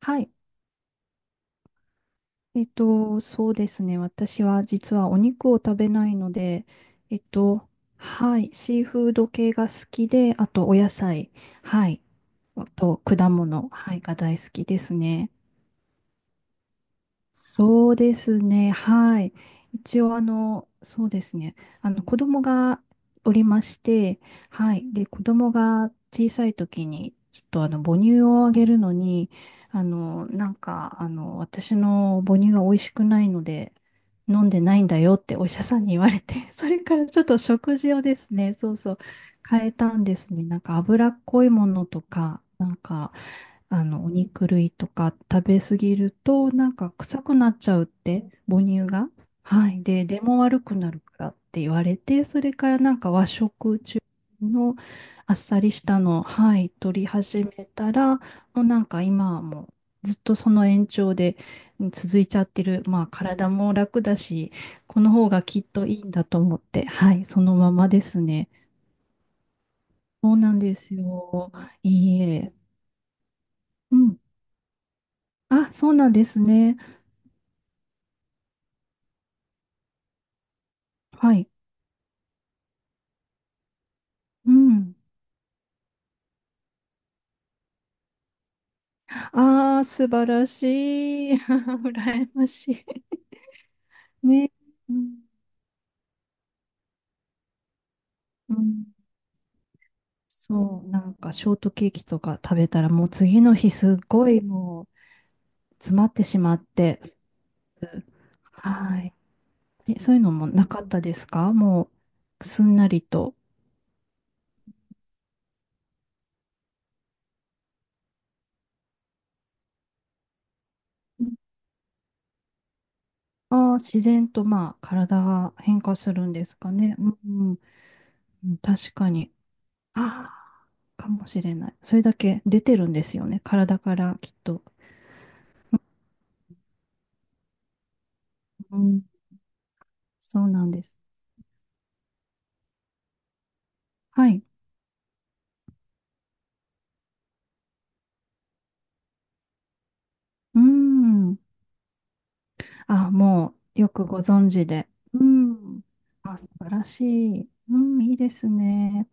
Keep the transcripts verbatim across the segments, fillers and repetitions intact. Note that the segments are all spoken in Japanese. はい。えっと、そうですね。私は実はお肉を食べないので、えっと、はい。シーフード系が好きで、あとお野菜、はい。あと果物、はい、が大好きですね。そうですね。はい。一応、あの、そうですね。あの、子供がおりまして、はい。で、子供が小さい時に、ちょっとあの、母乳をあげるのに、あの、なんか、あの、私の母乳は美味しくないので、飲んでないんだよってお医者さんに言われて、それからちょっと食事をですね、そうそう、変えたんですね。なんか、脂っこいものとか、なんか、あの、お肉類とか食べ過ぎると、なんか臭くなっちゃうって、母乳が。はい。で、出も悪くなるからって言われて、それからなんか和食中のあっさりしたのを、はい、取り始めたら、もうなんか今はもうずっとその延長でうん続いちゃってる。まあ体も楽だし、この方がきっといいんだと思って、はい、そのままですね。そうなんですよ。いいえ。うん。あ、そうなんですね。はい。うん。ああ、素晴らしい。羨ましい。ね。うん。うん。そう、なんかショートケーキとか食べたらもう次の日すっごいもう詰まってしまって。はい。え、そういうのもなかったですか？もうすんなりと。ああー、自然とまあ体が変化するんですかね。うん。うん、確かに。ああ、かもしれない。それだけ出てるんですよね。体からきっと。そうなんです。はい。うーん。あ、もう、よくご存知で。うん。あ、素晴らしい。うん、いいですね。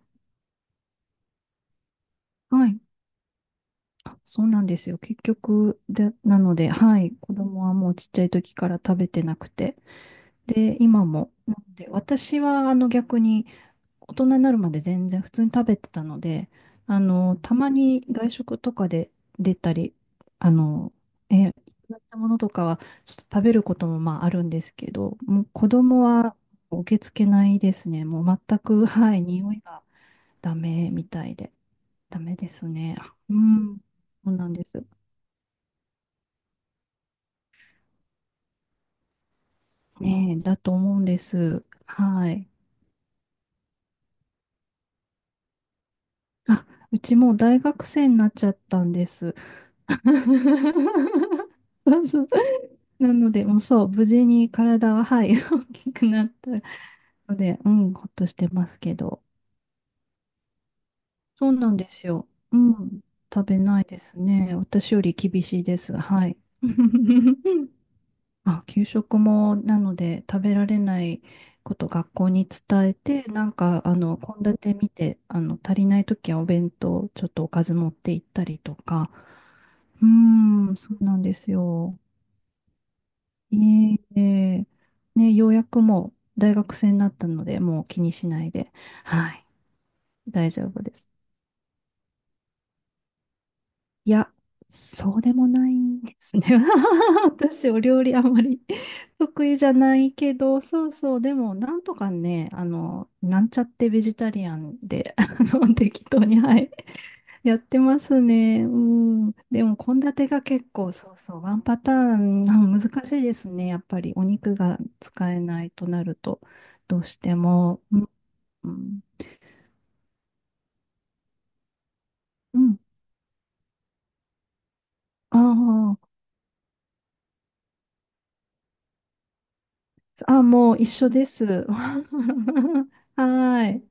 はい。あ、そうなんですよ。結局、で、なので、はい。子供はもうちっちゃい時から食べてなくて。で、今も。なので、私は、あの、逆に、大人になるまで全然普通に食べてたので、あの、たまに外食とかで出たり、あの、え、いただいたものとかはちょっと食べることもまああるんですけど、もう子供は受け付けないですね。もう全く、はい、匂いがダメみたいで。ダメですね。うん、そうなんです。ねえ、だと思うんです。はい。あ、うちもう大学生になっちゃったんです。そうそう、なので、もうそう、無事に体は、はい、大きくなったので、うん、ほっとしてますけど。そうなんですよ。うん、食べないですね。私より厳しいです。はい。あ、給食も、なので、食べられないこと学校に伝えて、なんか、あの、献立見て、あの、足りないときはお弁当、ちょっとおかず持って行ったりとか。うーん、そうなんですよ。ねえ、ねえ、ね、ようやくもう大学生になったので、もう気にしないで、はい、大丈夫です。いや、そうでもないんですね。私、お料理あまり 得意じゃないけど、そうそう、でも、なんとかね、あの、なんちゃってベジタリアンで、あの、適当に、はい。やってますね。うん。でも、献立が結構、そうそう、ワンパターン、うん難しいですね。やっぱり、お肉が使えないとなると、どうしても。うん。うん。ああ、あ、もう一緒です。はーい。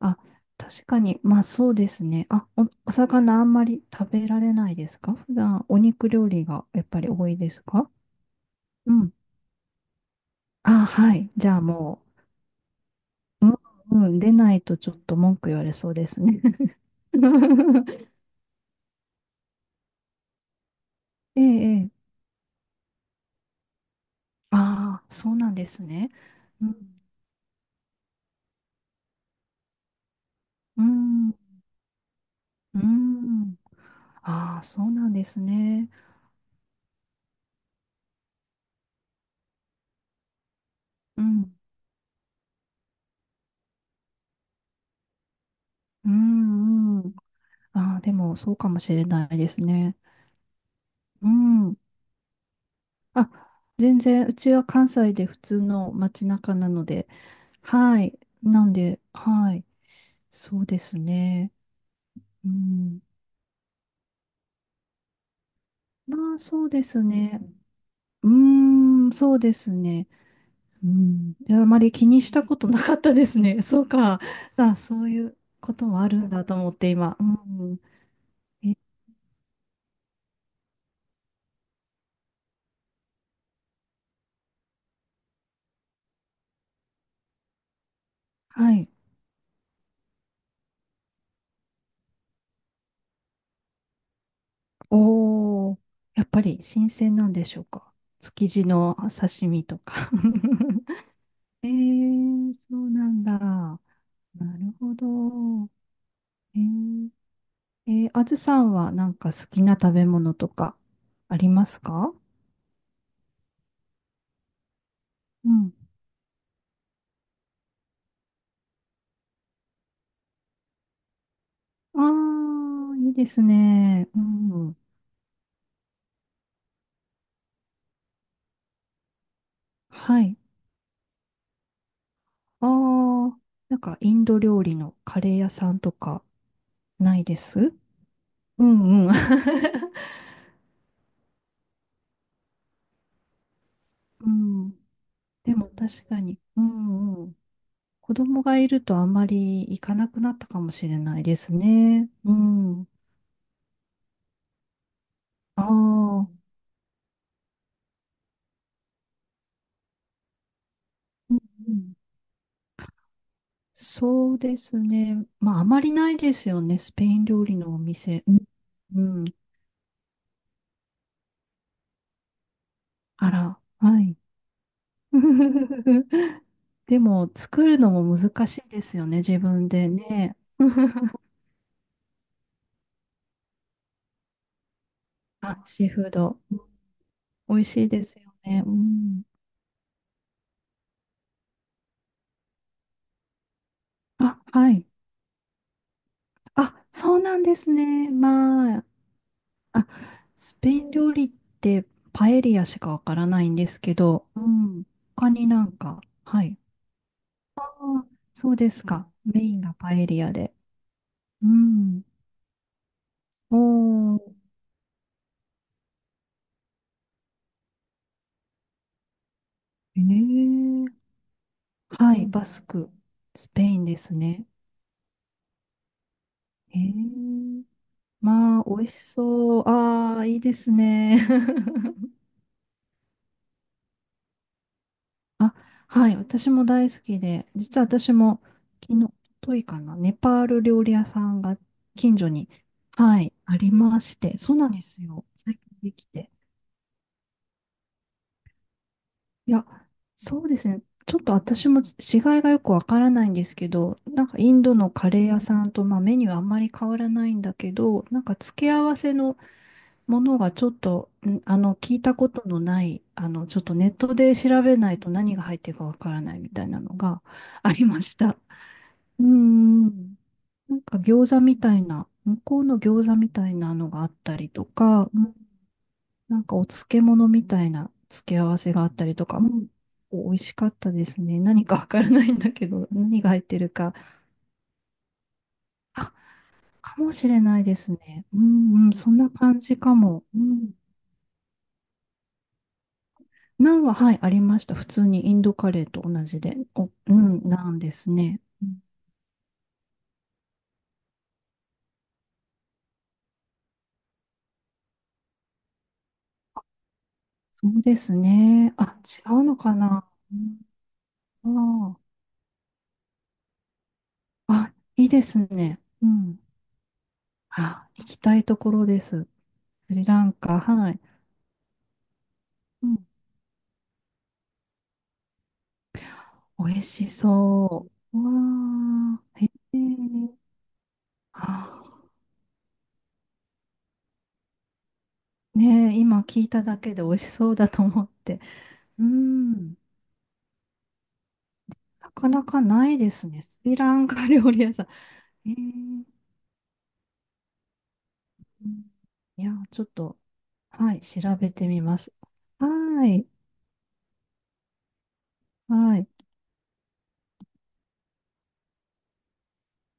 あ、確かに、まあそうですね。あ、お、お魚あんまり食べられないですか？普段、お肉料理がやっぱり多いですか？うん。あ、はい。じゃあもう、うん、出ないとちょっと文句言われそうですね。ええ、ええ。ああ、そうなんですね。うん、うん、うん。ああ、そうなんですね。うん、うん、うん。ああ、でも、そうかもしれないですね。うん。あ、全然、うちは関西で普通の街中なので、はい。なんで、はい。そうですね。うん。まあ、そうですね。うーん、そうですね。うん、いや、あまり気にしたことなかったですね。そうか。さあ、そういうこともあるんだと思って今。うん。え、はい。おお、やっぱり新鮮なんでしょうか。築地の刺身とか。えー、そうなんだ。なるほど。えー、えー、あずさんはなんか好きな食べ物とかありますか？うん。ああ、いいですね。うん。はい。ああ、なんかインド料理のカレー屋さんとかないです？うんうん。うん。でも確かに。うんうん。子供がいるとあんまり行かなくなったかもしれないですね。うん。ああ、うんうん、そうですね。まああまりないですよね。スペイン料理のお店。うん。うん、あら、はい。でも作るのも難しいですよね。自分でね。あ、シーフード。美味しいですよね。うん。あ、はい。あ、そうなんですね。まあ、あ、スペイン料理ってパエリアしかわからないんですけど、うん。他になんか、はい。あ、そうですか。メインがパエリアで。うん。おー。ええ、はい。バスク。スペインですね。ええ、まあ、美味しそう。ああ、いいですね。あ、はい、私も大好きで、実は私も昨日、といかな、ネパール料理屋さんが近所に、はい、ありまして、そうなんですよ。最近できて。いや、そうですね。ちょっと私も違いがよくわからないんですけど、なんかインドのカレー屋さんと、まあ、メニューあんまり変わらないんだけど、なんか付け合わせのものがちょっと、んあの、聞いたことのない、あの、ちょっとネットで調べないと何が入ってるかわからないみたいなのがありました。うーん。なんか餃子みたいな、向こうの餃子みたいなのがあったりとか、うん、なんかお漬物みたいな付け合わせがあったりとか、うん、美味しかったですね。何かわからないんだけど、何が入ってるか。あ、かもしれないですね。うんうん、そんな感じかも。うん。ナンは、はい、ありました。普通にインドカレーと同じで。お、うん、ナンですね。うん、そうですね。あ、違うのかな。うん、あああ、いいですね。うん。あ、行きたいところです。スリランカ、はい。うん。美味しそう。うわー、へえ。あー、ねえ、今聞いただけで美味しそうだと思って。うん。なかなかないですね。スリランカ料理屋さん。へえ。うん、いや、ちょっと、はい、調べてみます。はーい。はい。